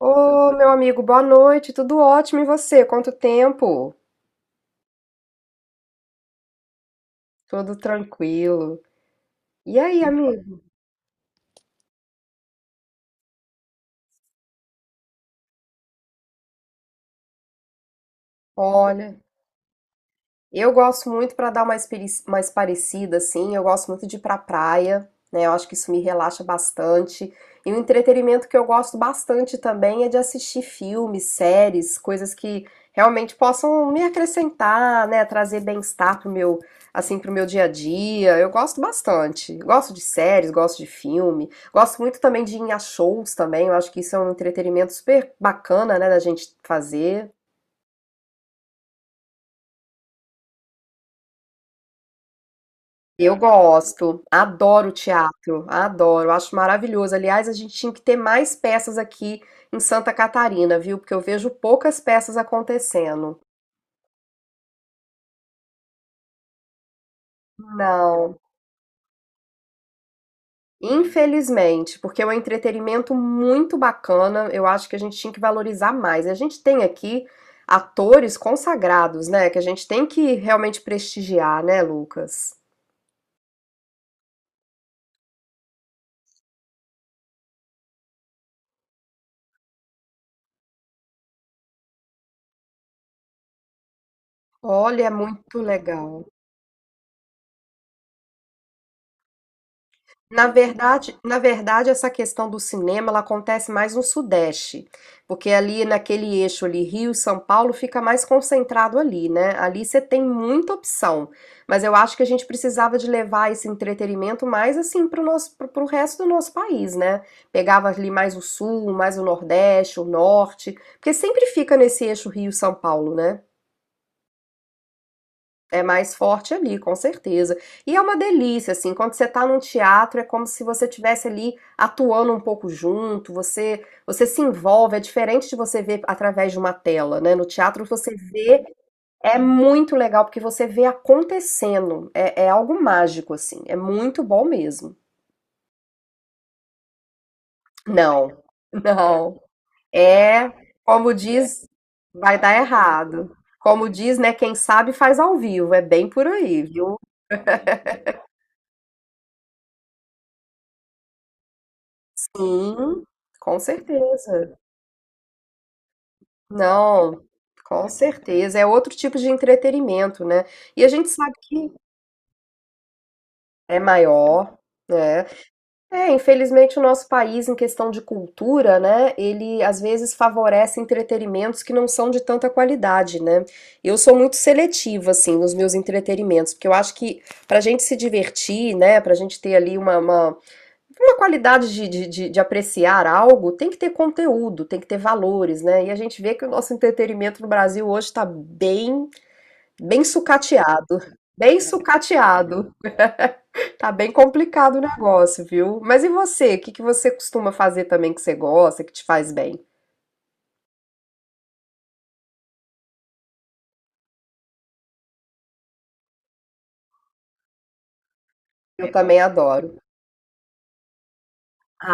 Ô, meu amigo, boa noite. Tudo ótimo e você? Quanto tempo? Tudo tranquilo. E aí, amigo? Olha. Eu gosto muito para dar uma mais parecida, assim, eu gosto muito de ir pra praia, né? Eu acho que isso me relaxa bastante. E o entretenimento que eu gosto bastante também é de assistir filmes, séries, coisas que realmente possam me acrescentar, né? Trazer bem-estar pro meu, assim, pro meu dia a dia. Eu gosto bastante. Gosto de séries, gosto de filme. Gosto muito também de ir a shows também. Eu acho que isso é um entretenimento super bacana, né, da gente fazer. Eu gosto, adoro teatro, adoro, acho maravilhoso. Aliás, a gente tinha que ter mais peças aqui em Santa Catarina, viu? Porque eu vejo poucas peças acontecendo. Não, infelizmente, porque é um entretenimento muito bacana, eu acho que a gente tinha que valorizar mais. A gente tem aqui atores consagrados, né? Que a gente tem que realmente prestigiar, né, Lucas? Olha, é muito legal. Na verdade, essa questão do cinema, ela acontece mais no Sudeste, porque ali naquele eixo ali, Rio, e São Paulo, fica mais concentrado ali, né? Ali você tem muita opção, mas eu acho que a gente precisava de levar esse entretenimento mais assim para o nosso, para o resto do nosso país, né? Pegava ali mais o Sul, mais o Nordeste, o Norte, porque sempre fica nesse eixo Rio, e São Paulo, né? É mais forte ali, com certeza. E é uma delícia, assim, quando você tá num teatro, é como se você tivesse ali atuando um pouco junto, você se envolve, é diferente de você ver através de uma tela, né? No teatro você vê, é muito legal, porque você vê acontecendo, é, é algo mágico, assim, é muito bom mesmo. Não, não, é, como diz, vai dar errado. Como diz, né, quem sabe faz ao vivo, é bem por aí, viu? Sim, com certeza. Não, com certeza. É outro tipo de entretenimento, né? E a gente sabe que é maior, né? É, infelizmente o nosso país, em questão de cultura, né? Ele às vezes favorece entretenimentos que não são de tanta qualidade, né? Eu sou muito seletiva, assim, nos meus entretenimentos, porque eu acho que pra gente se divertir, né? Pra gente ter ali uma qualidade de, de apreciar algo tem que ter conteúdo, tem que ter valores, né? E a gente vê que o nosso entretenimento no Brasil hoje está bem, bem sucateado. Bem sucateado. Tá bem complicado o negócio, viu? Mas e você? O que que você costuma fazer também que você gosta, que te faz bem? Eu também adoro.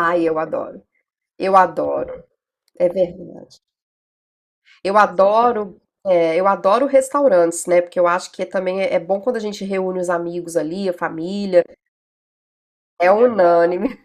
Ai, eu adoro. Eu adoro. É verdade. Eu adoro, é, eu adoro restaurantes, né? Porque eu acho que também é bom quando a gente reúne os amigos ali, a família. É unânime.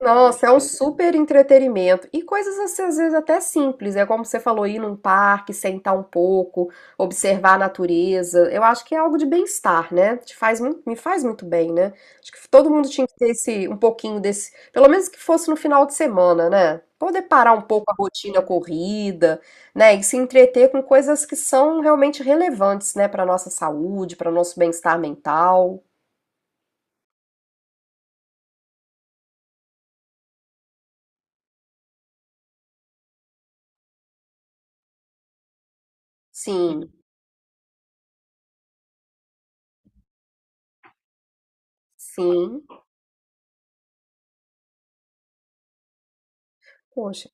Nossa, é um super entretenimento. E coisas assim, às vezes até simples. É como você falou, ir num parque, sentar um pouco, observar a natureza. Eu acho que é algo de bem-estar, né? Te faz, me faz muito bem, né? Acho que todo mundo tinha que ter esse, um pouquinho desse, pelo menos que fosse no final de semana, né? Poder parar um pouco a rotina corrida, né? E se entreter com coisas que são realmente relevantes, né? Para nossa saúde, para nosso bem-estar mental. Sim, sim. Poxa,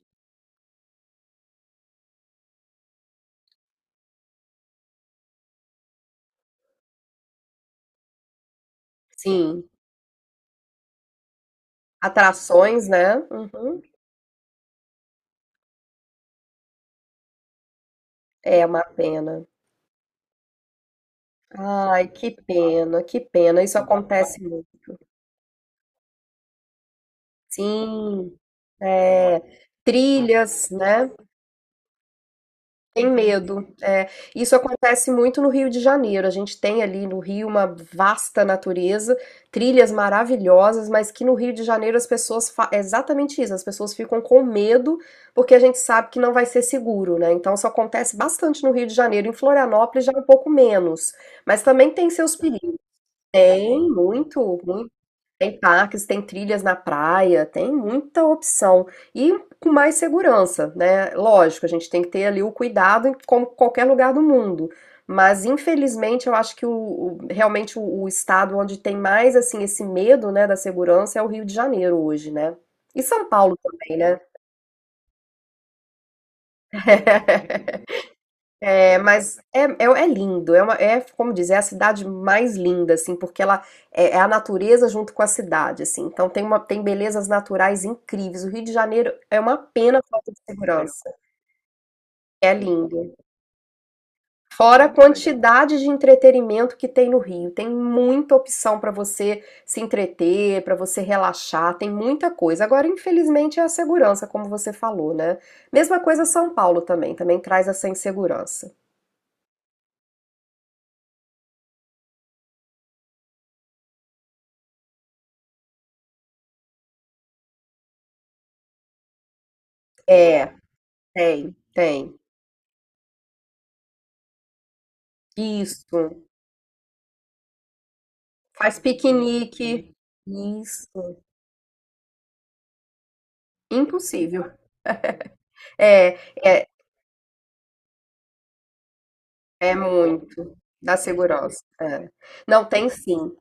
sim. Atrações, né? Uhum. É uma pena. Ai, que pena, que pena. Isso acontece muito. Sim, é. Trilhas, né? Tem medo. É, isso acontece muito no Rio de Janeiro. A gente tem ali no Rio uma vasta natureza, trilhas maravilhosas, mas que no Rio de Janeiro as pessoas é exatamente isso, as pessoas ficam com medo porque a gente sabe que não vai ser seguro, né? Então isso acontece bastante no Rio de Janeiro. Em Florianópolis já é um pouco menos, mas também tem seus tem muito, muito. Tem parques, tem trilhas na praia, tem muita opção. E com mais segurança, né? Lógico, a gente tem que ter ali o cuidado em como qualquer lugar do mundo. Mas infelizmente eu acho que realmente o estado onde tem mais assim esse medo, né, da segurança é o Rio de Janeiro hoje, né? E São Paulo também, né? É, mas é lindo, é, é, como dizer, é a cidade mais linda, assim, porque ela é, é a natureza junto com a cidade, assim, então tem uma, tem belezas naturais incríveis. O Rio de Janeiro é uma pena a falta de segurança, é lindo. Fora a quantidade de entretenimento que tem no Rio, tem muita opção para você se entreter, para você relaxar, tem muita coisa. Agora, infelizmente, é a segurança, como você falou, né? Mesma coisa São Paulo também, também traz essa insegurança. É, tem, tem. Isso. Faz piquenique. Isso. Impossível. É, é, muito da Segurosa. É. Não, tem sim.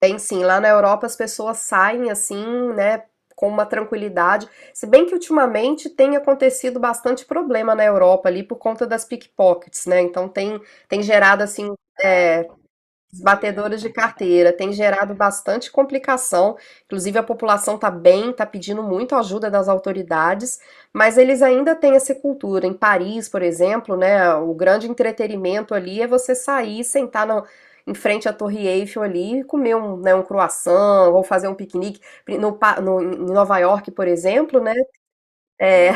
Tem sim. Lá na Europa as pessoas saem assim, né, com uma tranquilidade. Se bem que ultimamente tem acontecido bastante problema na Europa ali por conta das pickpockets, né? Então tem, tem gerado assim. É, os batedores de carteira têm gerado bastante complicação. Inclusive, a população está bem, está pedindo muito ajuda das autoridades, mas eles ainda têm essa cultura. Em Paris, por exemplo, né, o grande entretenimento ali é você sair, em frente à Torre Eiffel ali, e comer um, né, um croissant ou fazer um piquenique. Em Nova York, por exemplo, né? É,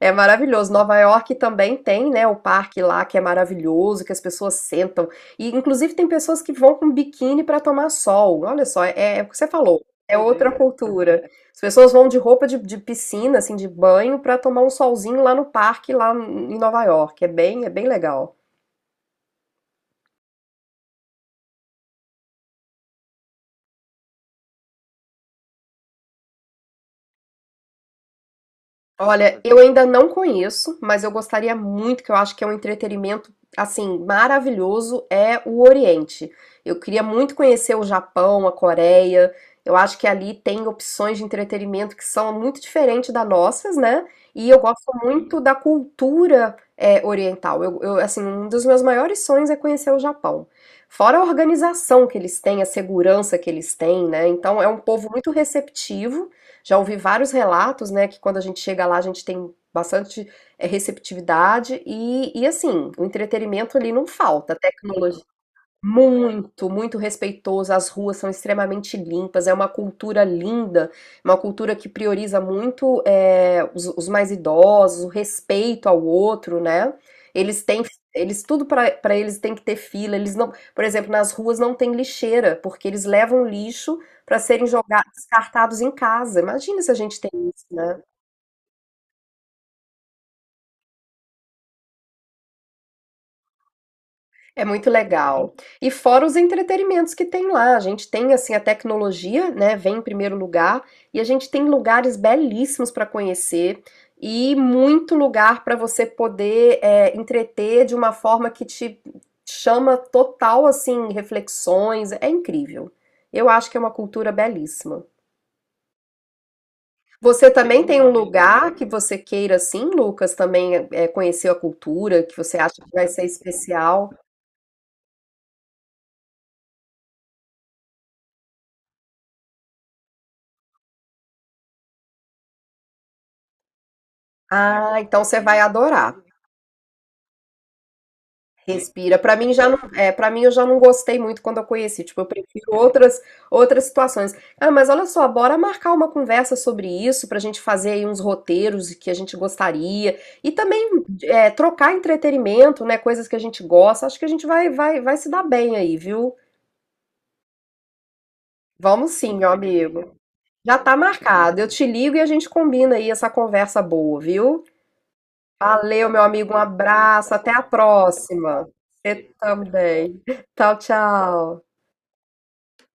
é maravilhoso. Nova York também tem, né, o parque lá que é maravilhoso, que as pessoas sentam. E inclusive tem pessoas que vão com biquíni para tomar sol. Olha só, é, é o que você falou. É outra cultura. As pessoas vão de roupa de piscina, assim, de banho, para tomar um solzinho lá no parque, lá em Nova York. É bem legal. Olha, eu ainda não conheço, mas eu gostaria muito, que eu acho que é um entretenimento assim maravilhoso, é o Oriente. Eu queria muito conhecer o Japão, a Coreia. Eu acho que ali tem opções de entretenimento que são muito diferentes das nossas, né? E eu gosto muito da cultura é, oriental. Assim, um dos meus maiores sonhos é conhecer o Japão. Fora a organização que eles têm, a segurança que eles têm, né? Então é um povo muito receptivo, já ouvi vários relatos, né, que quando a gente chega lá a gente tem bastante é, receptividade e assim, o entretenimento ali não falta, tecnologia muito, muito respeitoso. As ruas são extremamente limpas. É uma cultura linda, uma cultura que prioriza muito eh, os mais idosos, o respeito ao outro, né? Eles têm, eles tudo para eles tem que ter fila. Eles não, por exemplo, nas ruas não tem lixeira porque eles levam lixo para serem jogados, descartados em casa. Imagina se a gente tem isso, né? É muito legal. E fora os entretenimentos que tem lá, a gente tem assim a tecnologia, né, vem em primeiro lugar, e a gente tem lugares belíssimos para conhecer e muito lugar para você poder é, entreter de uma forma que te chama total assim reflexões. É incrível. Eu acho que é uma cultura belíssima. Você também tem um lugar que você queira assim, Lucas, também é, conhecer a cultura, que você acha que vai ser especial? Ah, então você vai adorar. Respira. Para mim já não, é, para mim eu já não gostei muito quando eu conheci. Tipo, eu prefiro outras outras situações. Ah, mas olha só, bora marcar uma conversa sobre isso pra gente fazer aí uns roteiros que a gente gostaria e também é, trocar entretenimento, né, coisas que a gente gosta. Acho que a gente vai se dar bem aí, viu? Vamos sim, meu amigo. Já tá marcado. Eu te ligo e a gente combina aí essa conversa boa, viu? Valeu, meu amigo. Um abraço. Até a próxima. Você também. Tchau, tchau.